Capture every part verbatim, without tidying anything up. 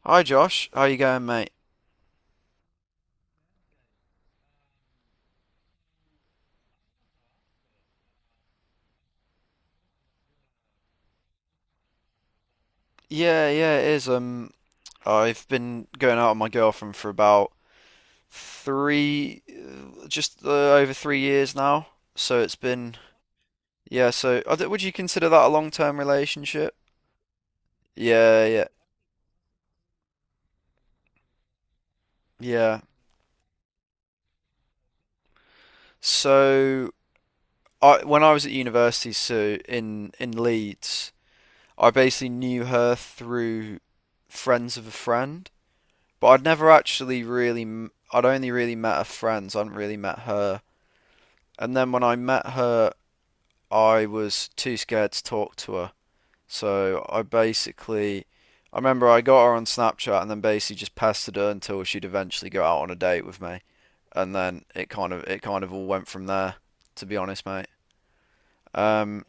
Hi Josh, how you going, mate? Yeah, yeah, it is. Um, I've been going out with my girlfriend for about three, uh, just uh, over three years now. So it's been, yeah. So I don't- would you consider that a long-term relationship? Yeah, yeah, yeah. So I, when I was at university, so in in Leeds, I basically knew her through friends of a friend, but I'd never actually really, m- I'd only really met her friends. I hadn't really met her. And then when I met her, I was too scared to talk to her. So I basically, I remember I got her on Snapchat and then basically just pestered her until she'd eventually go out on a date with me. And then it kind of it kind of all went from there, to be honest, mate. Um,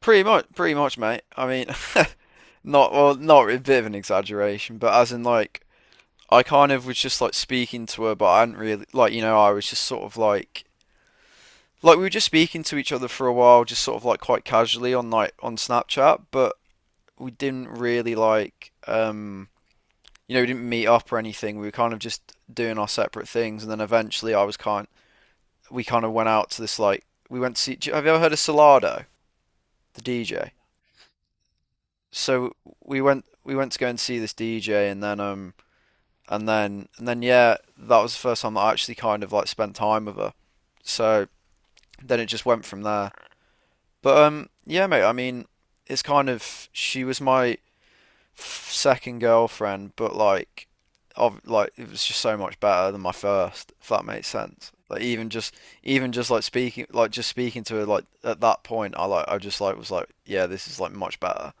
Pretty much, pretty much, mate. I mean, not well, not a bit of an exaggeration, but as in like I kind of was just like speaking to her, but I hadn't really like you know I was just sort of like like we were just speaking to each other for a while, just sort of like quite casually on like on Snapchat, but we didn't really like um you know, we didn't meet up or anything. We were kind of just doing our separate things and then eventually I was kind we kind of went out to this like we went to see, have you ever heard of Solado, the D J? So we went we went to go and see this D J and then um and then and then yeah, that was the first time that I actually kind of like spent time with her. So then it just went from there. But um, yeah, mate. I mean, it's kind of she was my f- second girlfriend, but like, of like it was just so much better than my first. If that makes sense. Like even just even just like speaking like just speaking to her like at that point, I like I just like was like yeah, this is like much better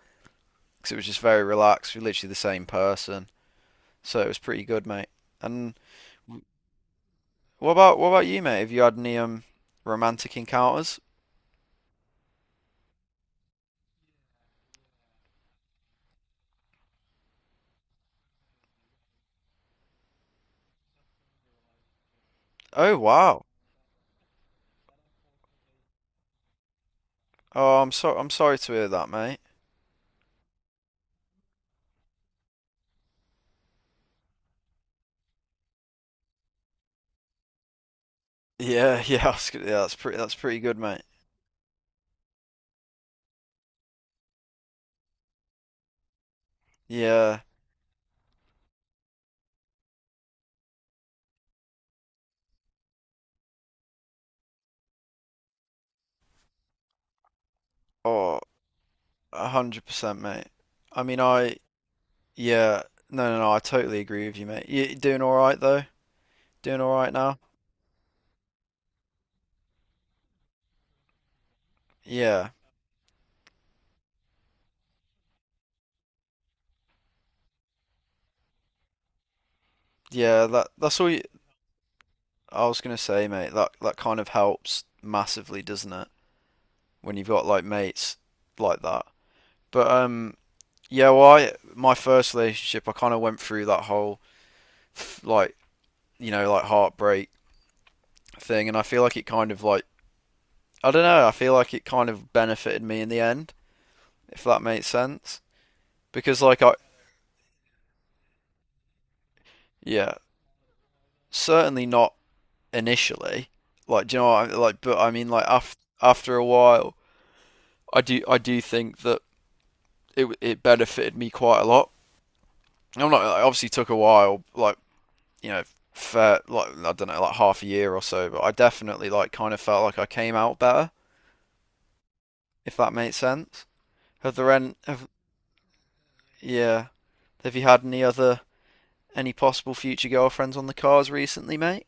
because it was just very relaxed. We're literally the same person, so it was pretty good, mate. And what about what about you, mate? Have you had any um romantic encounters? Oh wow. Oh, I'm so I'm sorry to hear that, mate. Yeah, yeah, I was gonna- yeah, that's pretty that's pretty good, mate. Yeah. Oh, a hundred percent, mate. I mean, I yeah, no, no, no, I totally agree with you, mate. You doing all right though? Doing all right now? Yeah. Yeah, that that's all you, I was gonna say, mate. That that kind of helps massively, doesn't it? When you've got like mates like that. But um yeah, well, I my first relationship, I kind of went through that whole like, you know, like heartbreak thing and I feel like it kind of like I don't know. I feel like it kind of benefited me in the end, if that makes sense. Because like I, yeah, certainly not initially. Like, do you know what? I, like, but I mean, like after after a while, I do I do think that it it benefited me quite a lot. I'm not. It obviously took a while, like you know, fair, like I don't know, like half a year or so. But I definitely like kind of felt like I came out better, if that makes sense. Have there any? Have, yeah. Have you had any other Any possible future girlfriends on the cars recently, mate?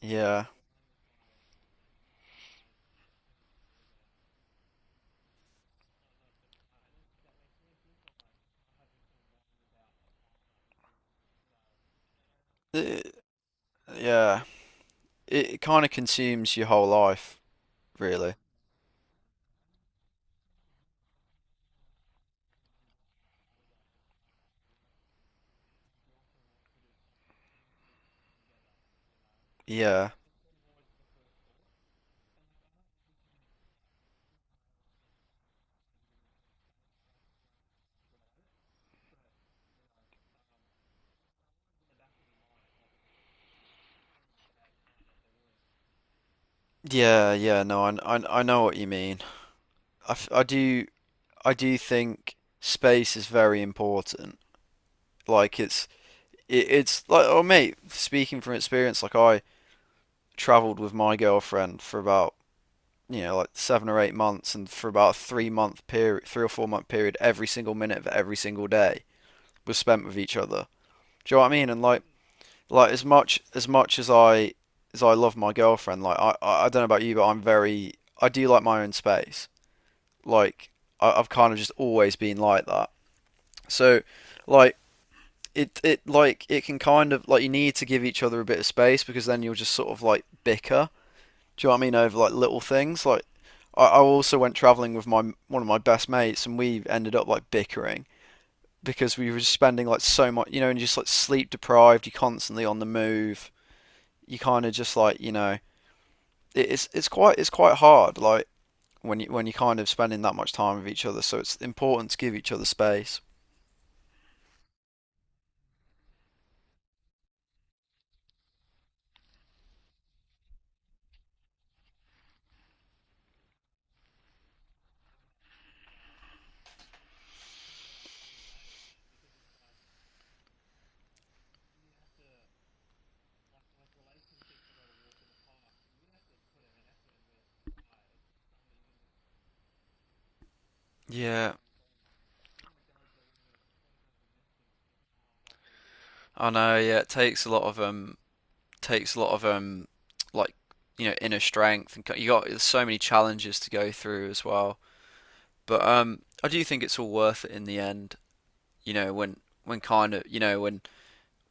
Yeah. Uh, yeah. It kind of consumes your whole life, really. Yeah. Yeah, yeah, no, I, I, I know what you mean. I, I do I do think space is very important. Like it's it, it's like oh mate, speaking from experience, like I traveled with my girlfriend for about you know like seven or eight months, and for about a three month period, three or four month period, every single minute of every single day was spent with each other. Do you know what I mean? And like, like as much as much as I as I love my girlfriend, like I I don't know about you, but I'm very I do like my own space. Like I, I've kind of just always been like that. So like it it like it can kind of like you need to give each other a bit of space because then you'll just sort of like bicker. Do you know what I mean? Over like little things. Like I, I also went traveling with my one of my best mates and we ended up like bickering because we were just spending like so much, you know, and just like sleep deprived, you're constantly on the move, you kind of just like, you know, it's it's quite it's quite hard like when you when you're kind of spending that much time with each other, so it's important to give each other space. Yeah, I know. Yeah, it takes a lot of um, takes a lot of um, like you know, inner strength, and you got there's so many challenges to go through as well. But um, I do think it's all worth it in the end. You know, when when kind of you know when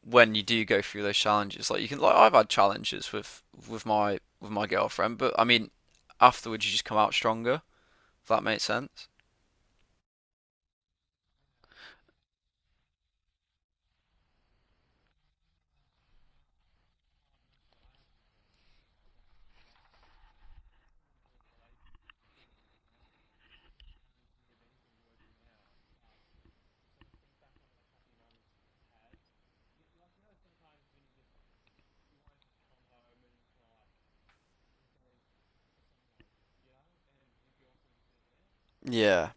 when you do go through those challenges, like you can like I've had challenges with with my with my girlfriend, but I mean afterwards you just come out stronger, if that makes sense. Yeah.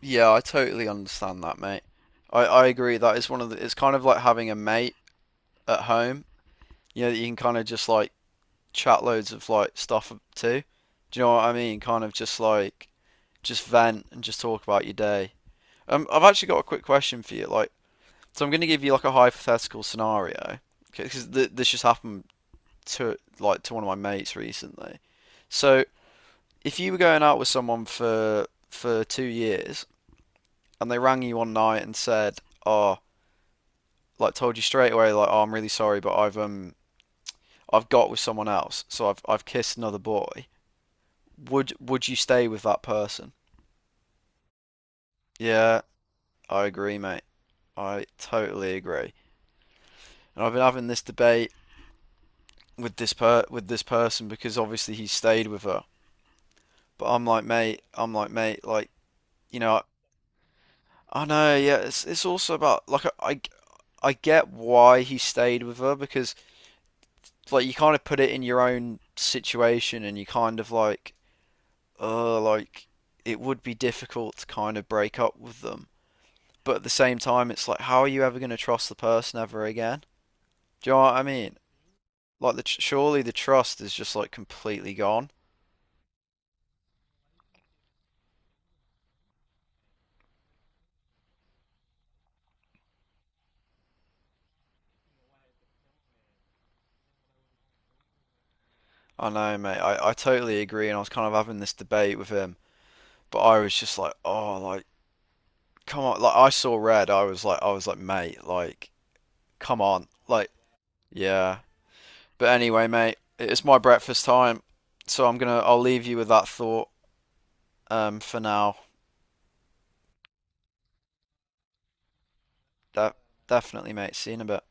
Yeah, I totally understand that, mate. I, I agree. That is one of the, it's kind of like having a mate at home, you know, that you can kind of just like chat loads of like stuff to. Do you know what I mean? Kind of just like, just vent and just talk about your day. Um, I've actually got a quick question for you. Like, so I'm going to give you like a hypothetical scenario because th this just happened to like to one of my mates recently. So if you were going out with someone for for two years and they rang you one night and said, "Oh, like told you straight away, like, oh, I'm really sorry, but I've um I've got with someone else, so I've I've kissed another boy," would would you stay with that person? Yeah, I agree, mate. I totally agree. And I've been having this debate with this per with this person because obviously he stayed with her. But I'm like, mate, I'm like, mate, like, you know, I know, yeah. It's it's also about like I I get why he stayed with her because like you kind of put it in your own situation and you kind of like uh like it would be difficult to kind of break up with them. But at the same time, it's like how are you ever going to trust the person ever again? Do you know what I mean? Like the tr- surely the trust is just like completely gone. I know, mate. I I totally agree, and I was kind of having this debate with him, but I was just like, oh, like come on, like I saw red. I was like, I was like, mate, like come on, like yeah. But anyway, mate, it's my breakfast time, so I'm gonna I'll leave you with that thought um for now. De- Definitely, mate. See you in a bit.